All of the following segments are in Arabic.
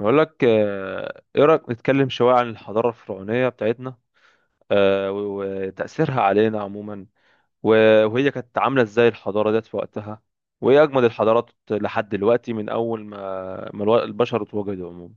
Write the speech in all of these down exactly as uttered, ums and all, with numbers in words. بقول لك آه، ايه رايك نتكلم شويه عن الحضاره الفرعونيه بتاعتنا؟ آه، و- وتاثيرها علينا عموما. و- وهي كانت عامله ازاي الحضاره ديت في وقتها؟ وايه اجمد الحضارات لحد دلوقتي من اول ما ما الو- البشر اتوجدوا عموما.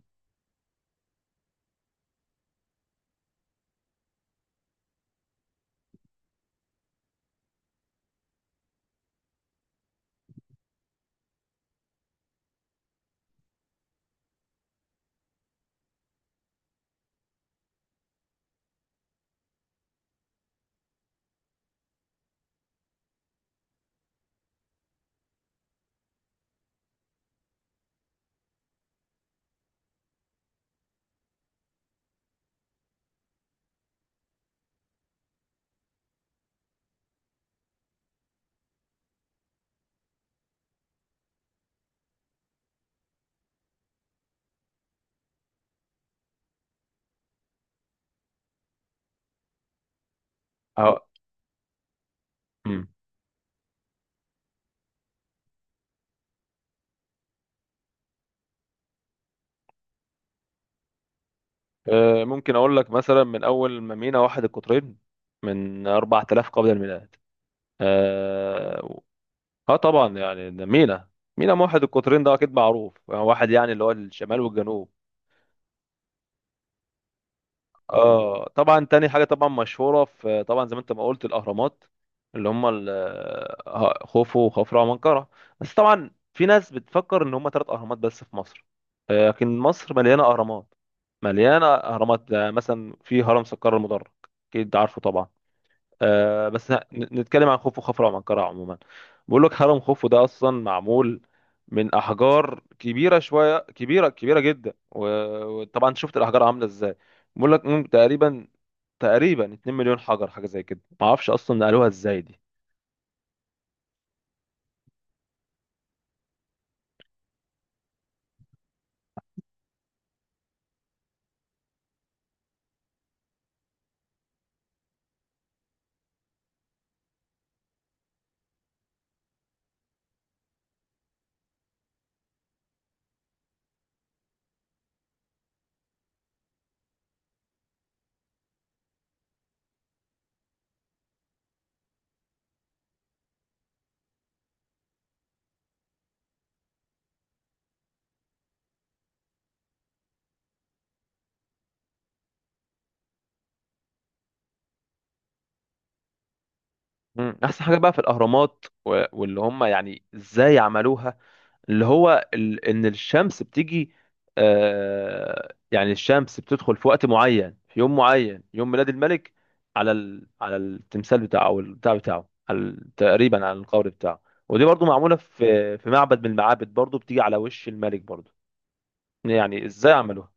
أه. مم. أمم. آه، ممكن اقول لك مثلا من اول ما مينا واحد القطرين من أربعة آلاف قبل الميلاد. اه. آه طبعا، يعني ده مينا. مينا واحد القطرين ده اكيد معروف، واحد يعني اللي هو الشمال والجنوب. اه طبعا، تاني حاجه طبعا مشهوره، في طبعا زي ما انت ما قلت الاهرامات، اللي هم ال- آه، خوفو وخفرع ومنقرع. بس طبعا في ناس بتفكر ان هم ثلاث اهرامات بس في مصر، آه، لكن مصر مليانه اهرامات. مليانه اهرامات، آه، مثلا في هرم سكر المدرج، اكيد عارفه طبعا. آه بس ه- ن- نتكلم عن خوفو خفرع ومنقرع عموما. بقول لك هرم خوفو ده اصلا معمول من احجار كبيره شويه، كبيره كبيره جدا. و- وطبعا شفت الاحجار عامله ازاي. بقول لك مم، تقريبا تقريبا اثنين مليون حجر، حاجه زي كده، ما اعرفش اصلا نقلوها ازاي دي. مم. احسن حاجه بقى في الاهرامات و- واللي هم يعني ازاي عملوها، اللي هو ال- ان الشمس بتيجي. آه يعني الشمس بتدخل في وقت معين، في يوم معين، يوم ميلاد الملك، على ال على التمثال بتاعه، او البتاع بتاعه، على ال- تقريبا على القبر بتاعه. ودي برضو معموله في في معبد من المعابد، برضو بتيجي على وش الملك برضو. يعني ازاي عملوها؟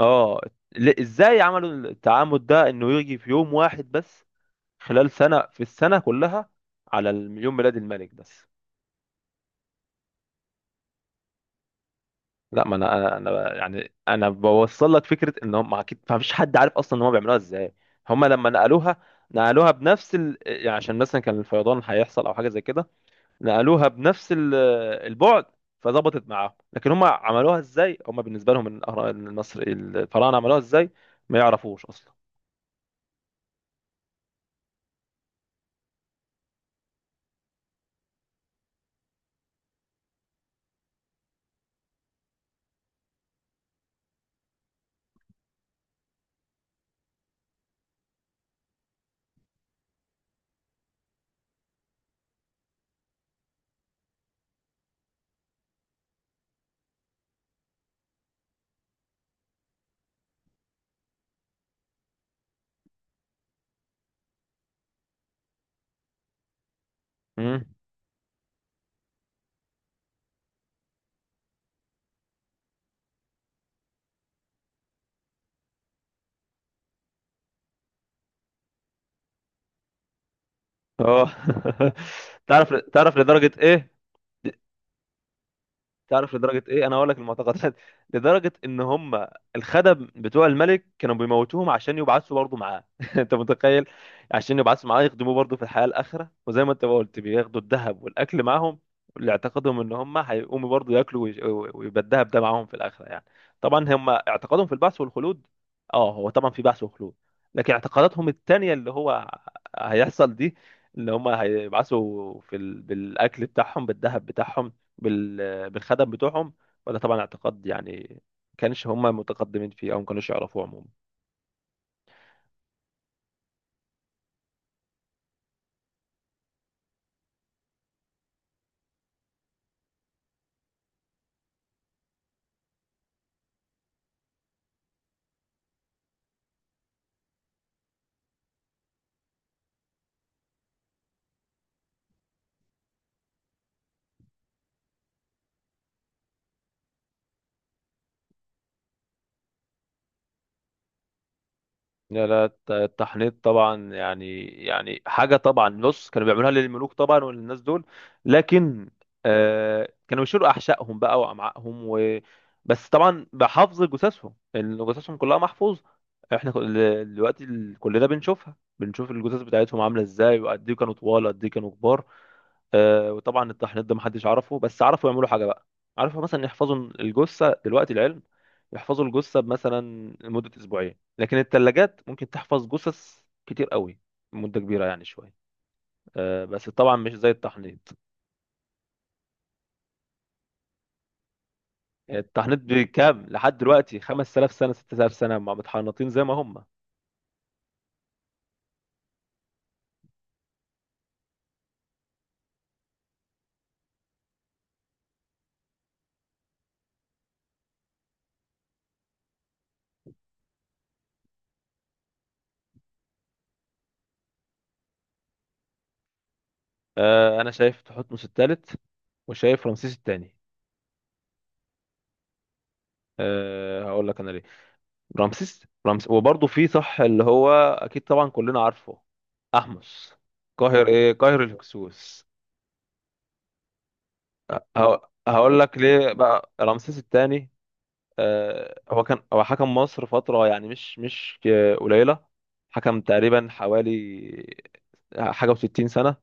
اه. ل- ازاي عملوا التعامد ده، انه يجي في يوم واحد بس خلال سنه، في السنه كلها على ال- يوم ميلاد الملك بس. لا، ما انا انا انا يعني انا بوصل لك فكره ان هم اكيد ما فيش حد عارف اصلا ان هم بيعملوها ازاي. هم لما نقلوها، نقلوها بنفس ال... يعني عشان مثلا كان الفيضان هيحصل او حاجه زي كده. نقلوها بنفس ال... البعد، فظبطت معاهم. لكن هم عملوها ازاي، هم بالنسبه لهم إن الأهرا- النصر الفراعنه عملوها ازاي، ما يعرفوش اصلا. امم. اه. تعرف تعرف لدرجه ايه؟ تعرف لدرجة ايه انا هقول لك المعتقدات؟ لدرجة ان هم الخدم بتوع الملك كانوا بيموتوهم عشان يبعثوا برضه معاه. انت متخيل؟ عشان يبعثوا معاه يخدموه برضه في الحياة الآخرة، وزي ما انت ما قلت بياخدوا الذهب والأكل معاهم، اللي اعتقادهم ان هم هيقوموا برضه ياكلوا ويش- ويبقى الذهب ده معاهم في الآخرة يعني. طبعا هم اعتقادهم في البعث والخلود. اه هو طبعا في بعث وخلود، لكن اعتقاداتهم التانية اللي هو هيحصل دي، اللي هم هيبعثوا في ال... بالأكل بتاعهم، بالذهب بتاعهم، بالخدم بتوعهم. وده طبعا اعتقاد يعني ما كانش هم متقدمين فيه، او ما كانوش يعرفوه عموما. لا، لا الت- التحنيط طبعا، يعني يعني حاجه طبعا، بص كانوا بيعملوها للملوك طبعا وللناس دول. لكن آه كانوا بيشيلوا احشائهم بقى وامعائهم و بس طبعا بحفظ جثثهم، لان جثثهم كلها محفوظه. احنا كل- دلوقتي ال- كلنا بنشوفها، بنشوف الجثث بتاعتهم عامله ازاي، وقد ايه كانوا طوال، قد ايه كانوا كبار. آه، وطبعا التحنيط ده محدش عرفه، بس عرفوا يعملوا حاجه بقى. عرفوا مثلا يحفظوا الجثه، دلوقتي العلم يحفظوا الجثه مثلا لمده اسبوعين، لكن الثلاجات ممكن تحفظ جثث كتير قوي، مده كبيره يعني شويه. آه، بس طبعا مش زي التحنيط. التحنيط بكام لحد دلوقتي، خمس تلاف سنه، ستة آلاف سنه، مع متحنطين زي ما هم. آه، انا شايف تحتمس الثالث، وشايف رمسيس الثاني. أه، هقول لك انا ليه. رمسيس رمسيس وبرضه في صح اللي هو اكيد طبعا كلنا عارفه، احمس قاهر ايه، قاهر الهكسوس. ه- هقول لك ليه بقى رمسيس الثاني. هو كان هو حكم مصر فترة يعني مش مش آه، قليلة. حكم تقريبا حوالي حاجة و60 سنة.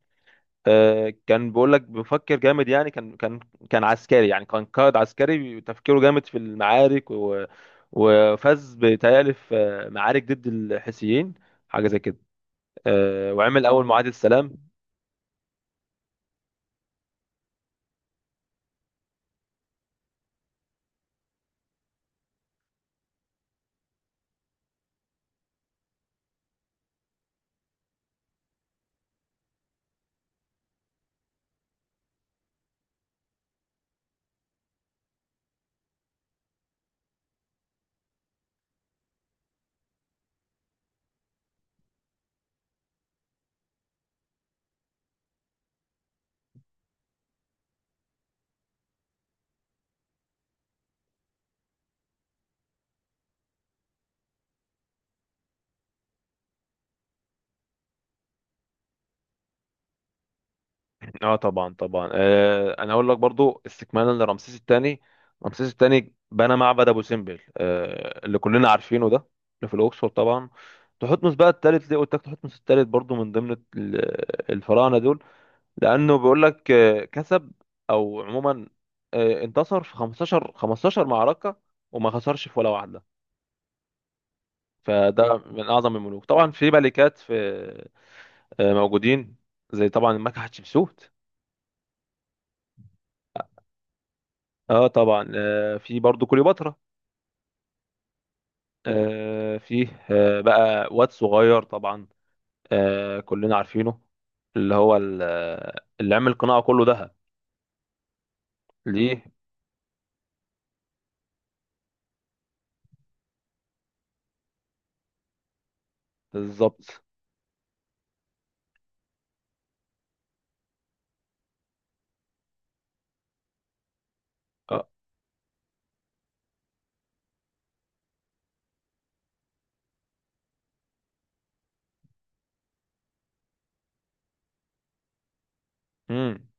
آه، كان بيقول لك بيفكر جامد، يعني كان كان كان عسكري، يعني كان قائد عسكري تفكيره جامد في المعارك، و وفاز بيتهيألي في معارك ضد الحيثيين، حاجة زي كده. آه، وعمل أول اه معاهدة سلام. اه طبعا طبعا، آه، أنا أقول لك برضو استكمالا لرمسيس الثاني. رمسيس الثاني بنى معبد أبو سمبل، آه، اللي كلنا عارفينه ده، اللي في الأقصر طبعا. تحتمس بقى الثالث، ليه قلت لك تحتمس الثالث برضو من ضمن ال- الفراعنة دول؟ لانه بيقول لك آه، كسب، او عموما آه، انتصر في خمستاشر خمستاشر معركه، وما خسرش في ولا واحده. فده من اعظم الملوك. طبعا في ملكات، في آه، موجودين زي طبعا الملكه حتشبسوت. اه طبعا، آه، في برضو كليوباترا. آه، في آه، بقى واد صغير طبعا، آه، كلنا عارفينه، اللي هو ال- آه، اللي عمل القناع كله ذهب. ليه؟ بالظبط. اه. امم.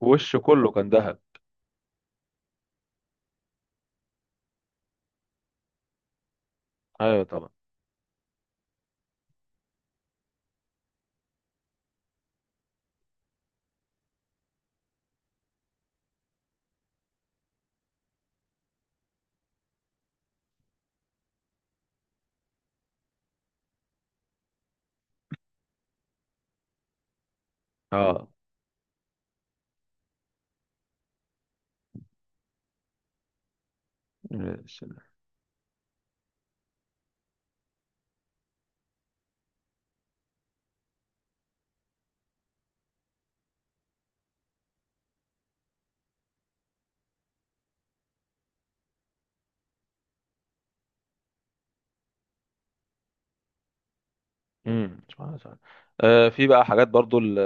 وشه كله كان ذهب. ايوه طبعا. اه. بسم الله. امم، سبحان الله. آه، في بقى حاجات برضو ال-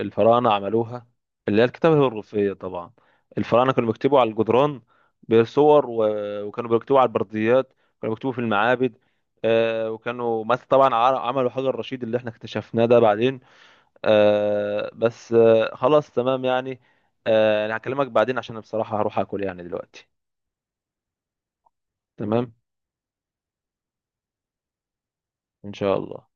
الفراعنه عملوها، اللي هي الكتابه الرفيه طبعا. الفراعنه كانوا بيكتبوا على الجدران بصور، و- وكانوا بيكتبوا على البرديات، كانوا بيكتبوا في المعابد. آه، وكانوا مثلا طبعا ع- عملوا حجر الرشيد اللي احنا اكتشفناه ده بعدين. آه، بس آه، خلاص تمام يعني. آه، انا هكلمك بعدين عشان بصراحه هروح اكل يعني دلوقتي. تمام. ان شاء الله.